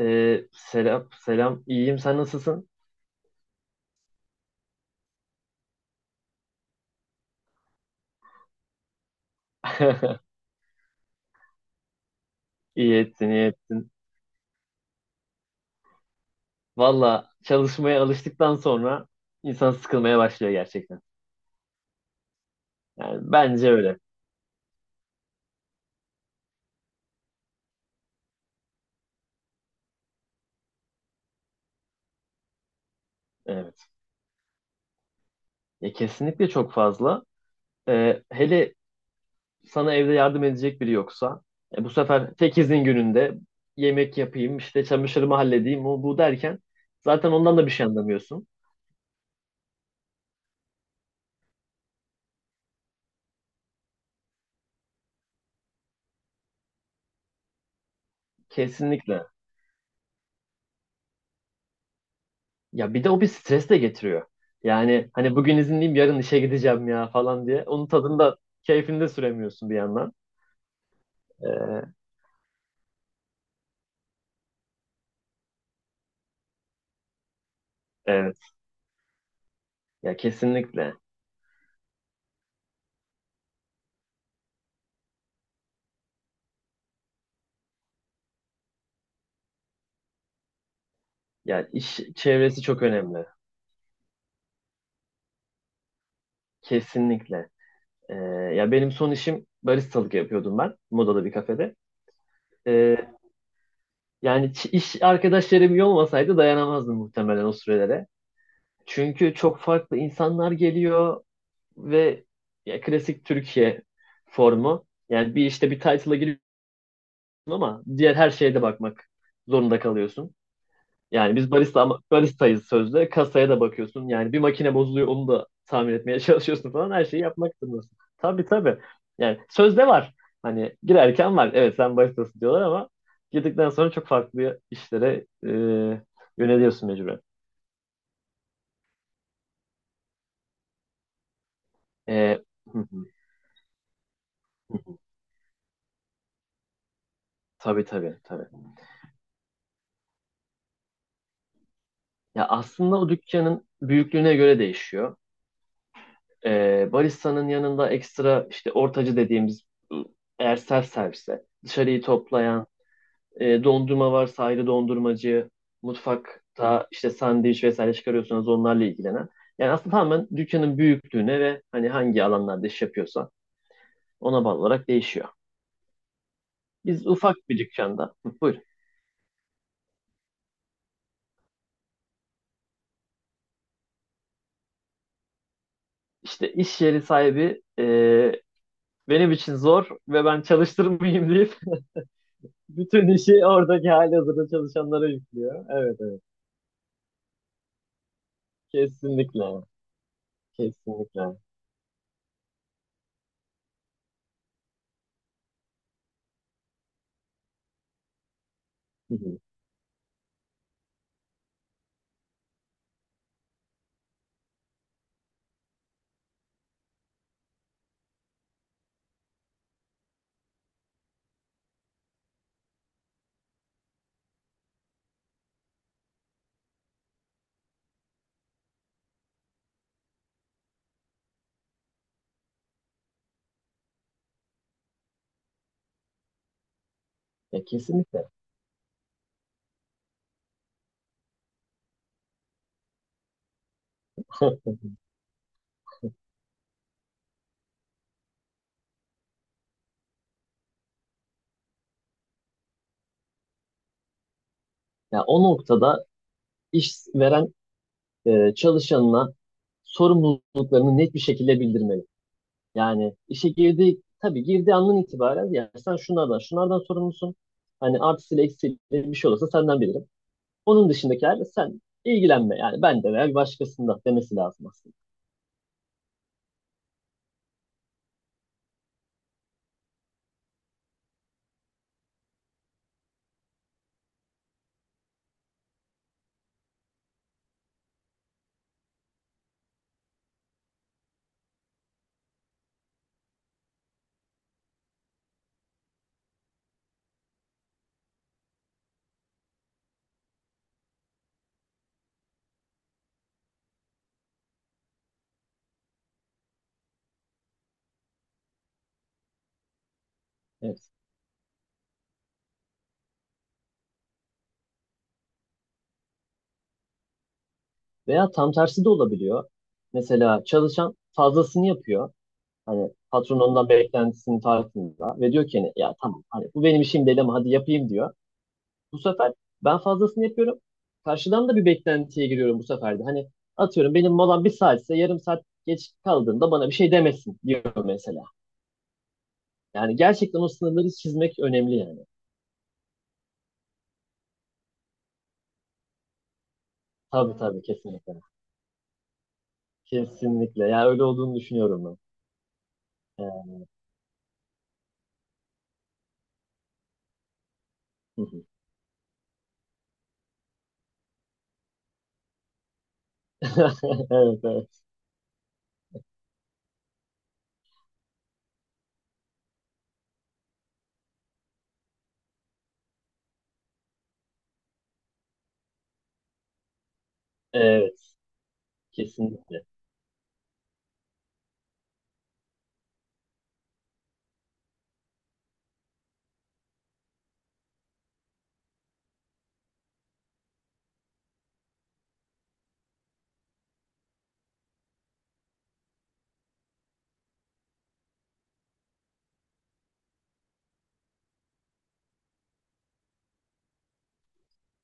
Selam, selam. İyiyim, sen nasılsın? İyi ettin, iyi ettin. Valla çalışmaya alıştıktan sonra insan sıkılmaya başlıyor gerçekten. Yani bence öyle. Evet. Ya kesinlikle çok fazla. Hele sana evde yardım edecek biri yoksa, bu sefer tek izin gününde yemek yapayım, işte çamaşırımı halledeyim, o bu derken zaten ondan da bir şey anlamıyorsun. Kesinlikle. Ya bir de o bir stres de getiriyor. Yani hani bugün izinliyim yarın işe gideceğim ya falan diye. Onun tadında keyfinde süremiyorsun bir yandan. Ee, evet ya kesinlikle. Ya iş çevresi çok önemli. Kesinlikle. Ee, ya benim son işim baristalık yapıyordum ben. Moda'da bir kafede. Ee, iş arkadaşlarım iyi olmasaydı dayanamazdım muhtemelen o sürelere. Çünkü çok farklı insanlar geliyor ve ya klasik Türkiye formu. Yani bir işte bir title'a giriyor ama diğer her şeye de bakmak zorunda kalıyorsun. Yani biz barista ama baristayız sözde. Kasaya da bakıyorsun. Yani bir makine bozuluyor onu da tamir etmeye çalışıyorsun falan. Her şeyi yapmak zorundasın. Tabii tabii. Yani sözde var. Hani girerken var. Evet sen baristasın diyorlar ama girdikten sonra çok farklı işlere yöneliyorsun mecburen. E, Tabii tabii tabii. Ya aslında o dükkanın büyüklüğüne göre değişiyor. Barista'nın yanında ekstra işte ortacı dediğimiz ıı, eğer self servise dışarıyı toplayan dondurma varsa ayrı dondurmacı mutfakta işte sandviç vesaire çıkarıyorsanız onlarla ilgilenen yani aslında tamamen dükkanın büyüklüğüne ve hani hangi alanlarda iş yapıyorsa ona bağlı olarak değişiyor. Biz ufak bir dükkanda. Hı, buyur. İşte iş yeri sahibi benim için zor ve ben çalıştırmayayım deyip bütün işi oradaki halihazırda çalışanlara yüklüyor. Evet, evet, kesinlikle. Kesinlikle. Hı hı. Ya kesinlikle. Ya o noktada işveren çalışanına sorumluluklarını net bir şekilde bildirmeli. Yani işe girdiği tabii girdiği andan itibaren ya sen şunlardan şunlardan sorumlusun. Hani artısıyla eksiğiyle bir şey olursa senden bilirim. Onun dışındakilerle sen ilgilenme. Yani ben de veya bir başkasında demesi lazım aslında. Evet. Veya tam tersi de olabiliyor. Mesela çalışan fazlasını yapıyor. Hani patron ondan beklentisinin tartında ve diyor ki hani ya tamam hani bu benim işim değil ama hadi yapayım diyor. Bu sefer ben fazlasını yapıyorum. Karşıdan da bir beklentiye giriyorum bu sefer de. Hani atıyorum benim molam bir saatse yarım saat geç kaldığında bana bir şey demesin diyor mesela. Yani gerçekten o sınırları çizmek önemli yani. Tabii. Hmm. Tabii kesinlikle. Kesinlikle. Ya öyle olduğunu düşünüyorum ben. Ee, Evet, evet. Evet. Kesinlikle.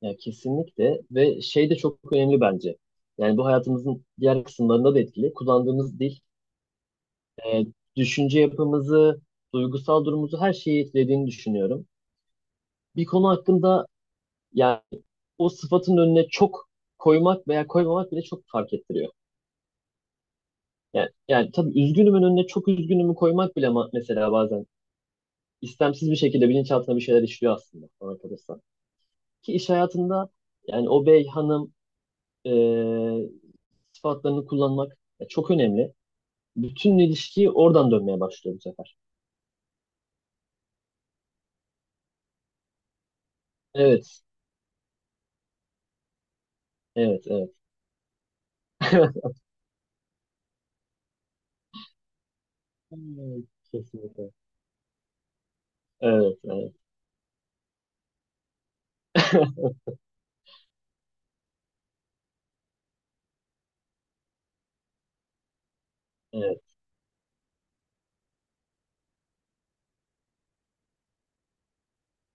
Ya kesinlikle ve şey de çok önemli bence. Yani bu hayatımızın diğer kısımlarında da etkili. Kullandığımız dil, e, düşünce yapımızı, duygusal durumumuzu her şeyi etkilediğini düşünüyorum. Bir konu hakkında yani o sıfatın önüne çok koymak veya koymamak bile çok fark ettiriyor. Yani, yani tabii üzgünümün önüne çok üzgünümü koymak bile mesela bazen istemsiz bir şekilde bilinçaltına bir şeyler işliyor aslında bana kalırsa. Ki iş hayatında yani o bey, hanım, e, sıfatlarını kullanmak çok önemli. Bütün ilişkiyi oradan dönmeye başlıyor bu sefer. Evet, evet, evet. Hmm. Kesinlikle. Evet, evet, evet.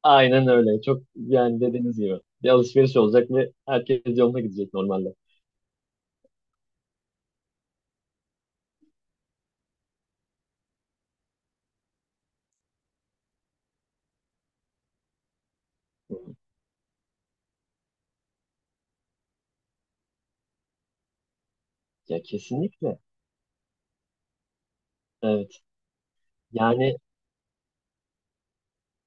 Aynen öyle. Çok yani dediğiniz gibi. Bir alışveriş olacak ve herkes yoluna gidecek normalde. Hı. Ya kesinlikle. Evet. Yani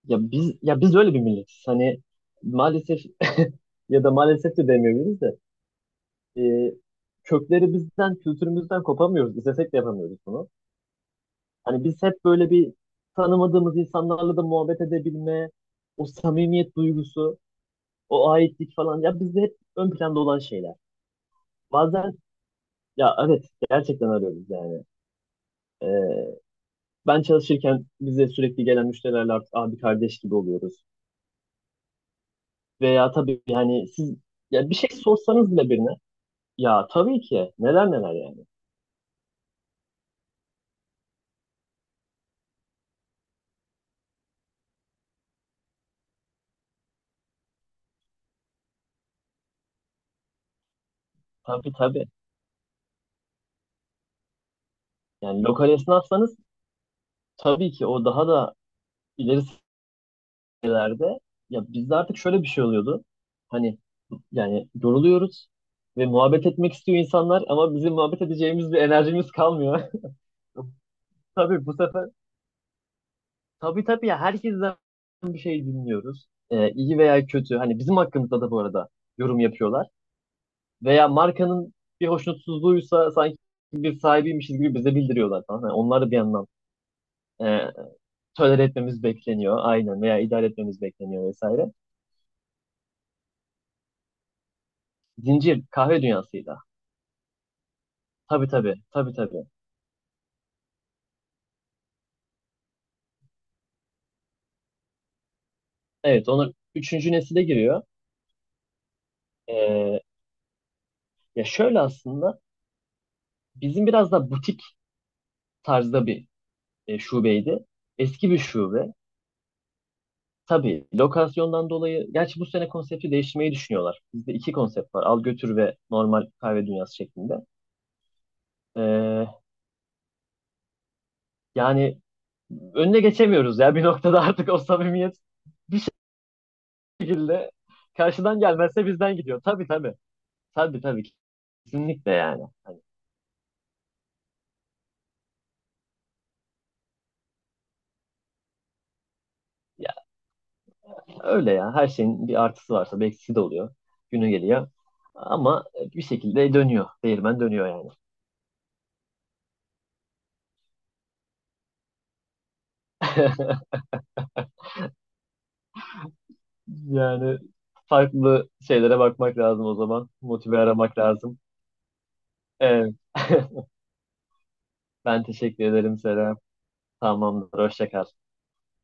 ya biz öyle bir milletiz. Hani maalesef ya da maalesef de demeyebiliriz de e, kökleri bizden, kültürümüzden kopamıyoruz. İstesek de yapamıyoruz bunu. Hani biz hep böyle bir tanımadığımız insanlarla da muhabbet edebilme, o samimiyet duygusu, o aitlik falan. Ya bizde hep ön planda olan şeyler. Bazen ya evet gerçekten arıyoruz yani. Ee, ben çalışırken bize sürekli gelen müşterilerle artık abi kardeş gibi oluyoruz. Veya tabii yani siz ya bir şey sorsanız bile birine ya tabii ki neler neler yani. Tabii tabii. Yani lokal esnafsanız tabii ki o daha da ileri ülkelerde ya bizde artık şöyle bir şey oluyordu. Hani yani yoruluyoruz ve muhabbet etmek istiyor insanlar ama bizim muhabbet edeceğimiz bir enerjimiz kalmıyor. Tabii bu sefer tabii tabii ya herkesten bir şey dinliyoruz. İyi veya kötü. Hani bizim hakkımızda da bu arada yorum yapıyorlar. Veya markanın bir hoşnutsuzluğuysa sanki bir sahibiymişiz gibi bize bildiriyorlar falan. Yani onlar da bir yandan e, tolere etmemiz bekleniyor. Aynen veya idare etmemiz bekleniyor vesaire. Zincir kahve dünyasıydı. Tabii tabii. Tabii tabii. Evet onlar üçüncü nesile giriyor. Ee, ya şöyle aslında bizim biraz da butik tarzda bir şubeydi. Eski bir şube. Tabii lokasyondan dolayı gerçi bu sene konsepti değiştirmeyi düşünüyorlar. Bizde iki konsept var. Al götür ve normal kahve dünyası şeklinde. Ee, yani önüne geçemiyoruz ya bir noktada artık o samimiyet bir şekilde karşıdan gelmezse bizden gidiyor. Tabii tabii. Tabii tabii. Kesinlikle yani. Hani öyle ya. Her şeyin bir artısı varsa bir eksisi de oluyor. Günü geliyor. Ama bir şekilde dönüyor. Değirmen dönüyor yani. Yani farklı şeylere bakmak lazım o zaman. Motive aramak lazım. Evet. Ben teşekkür ederim Serap. Tamamdır. Hoşça kal.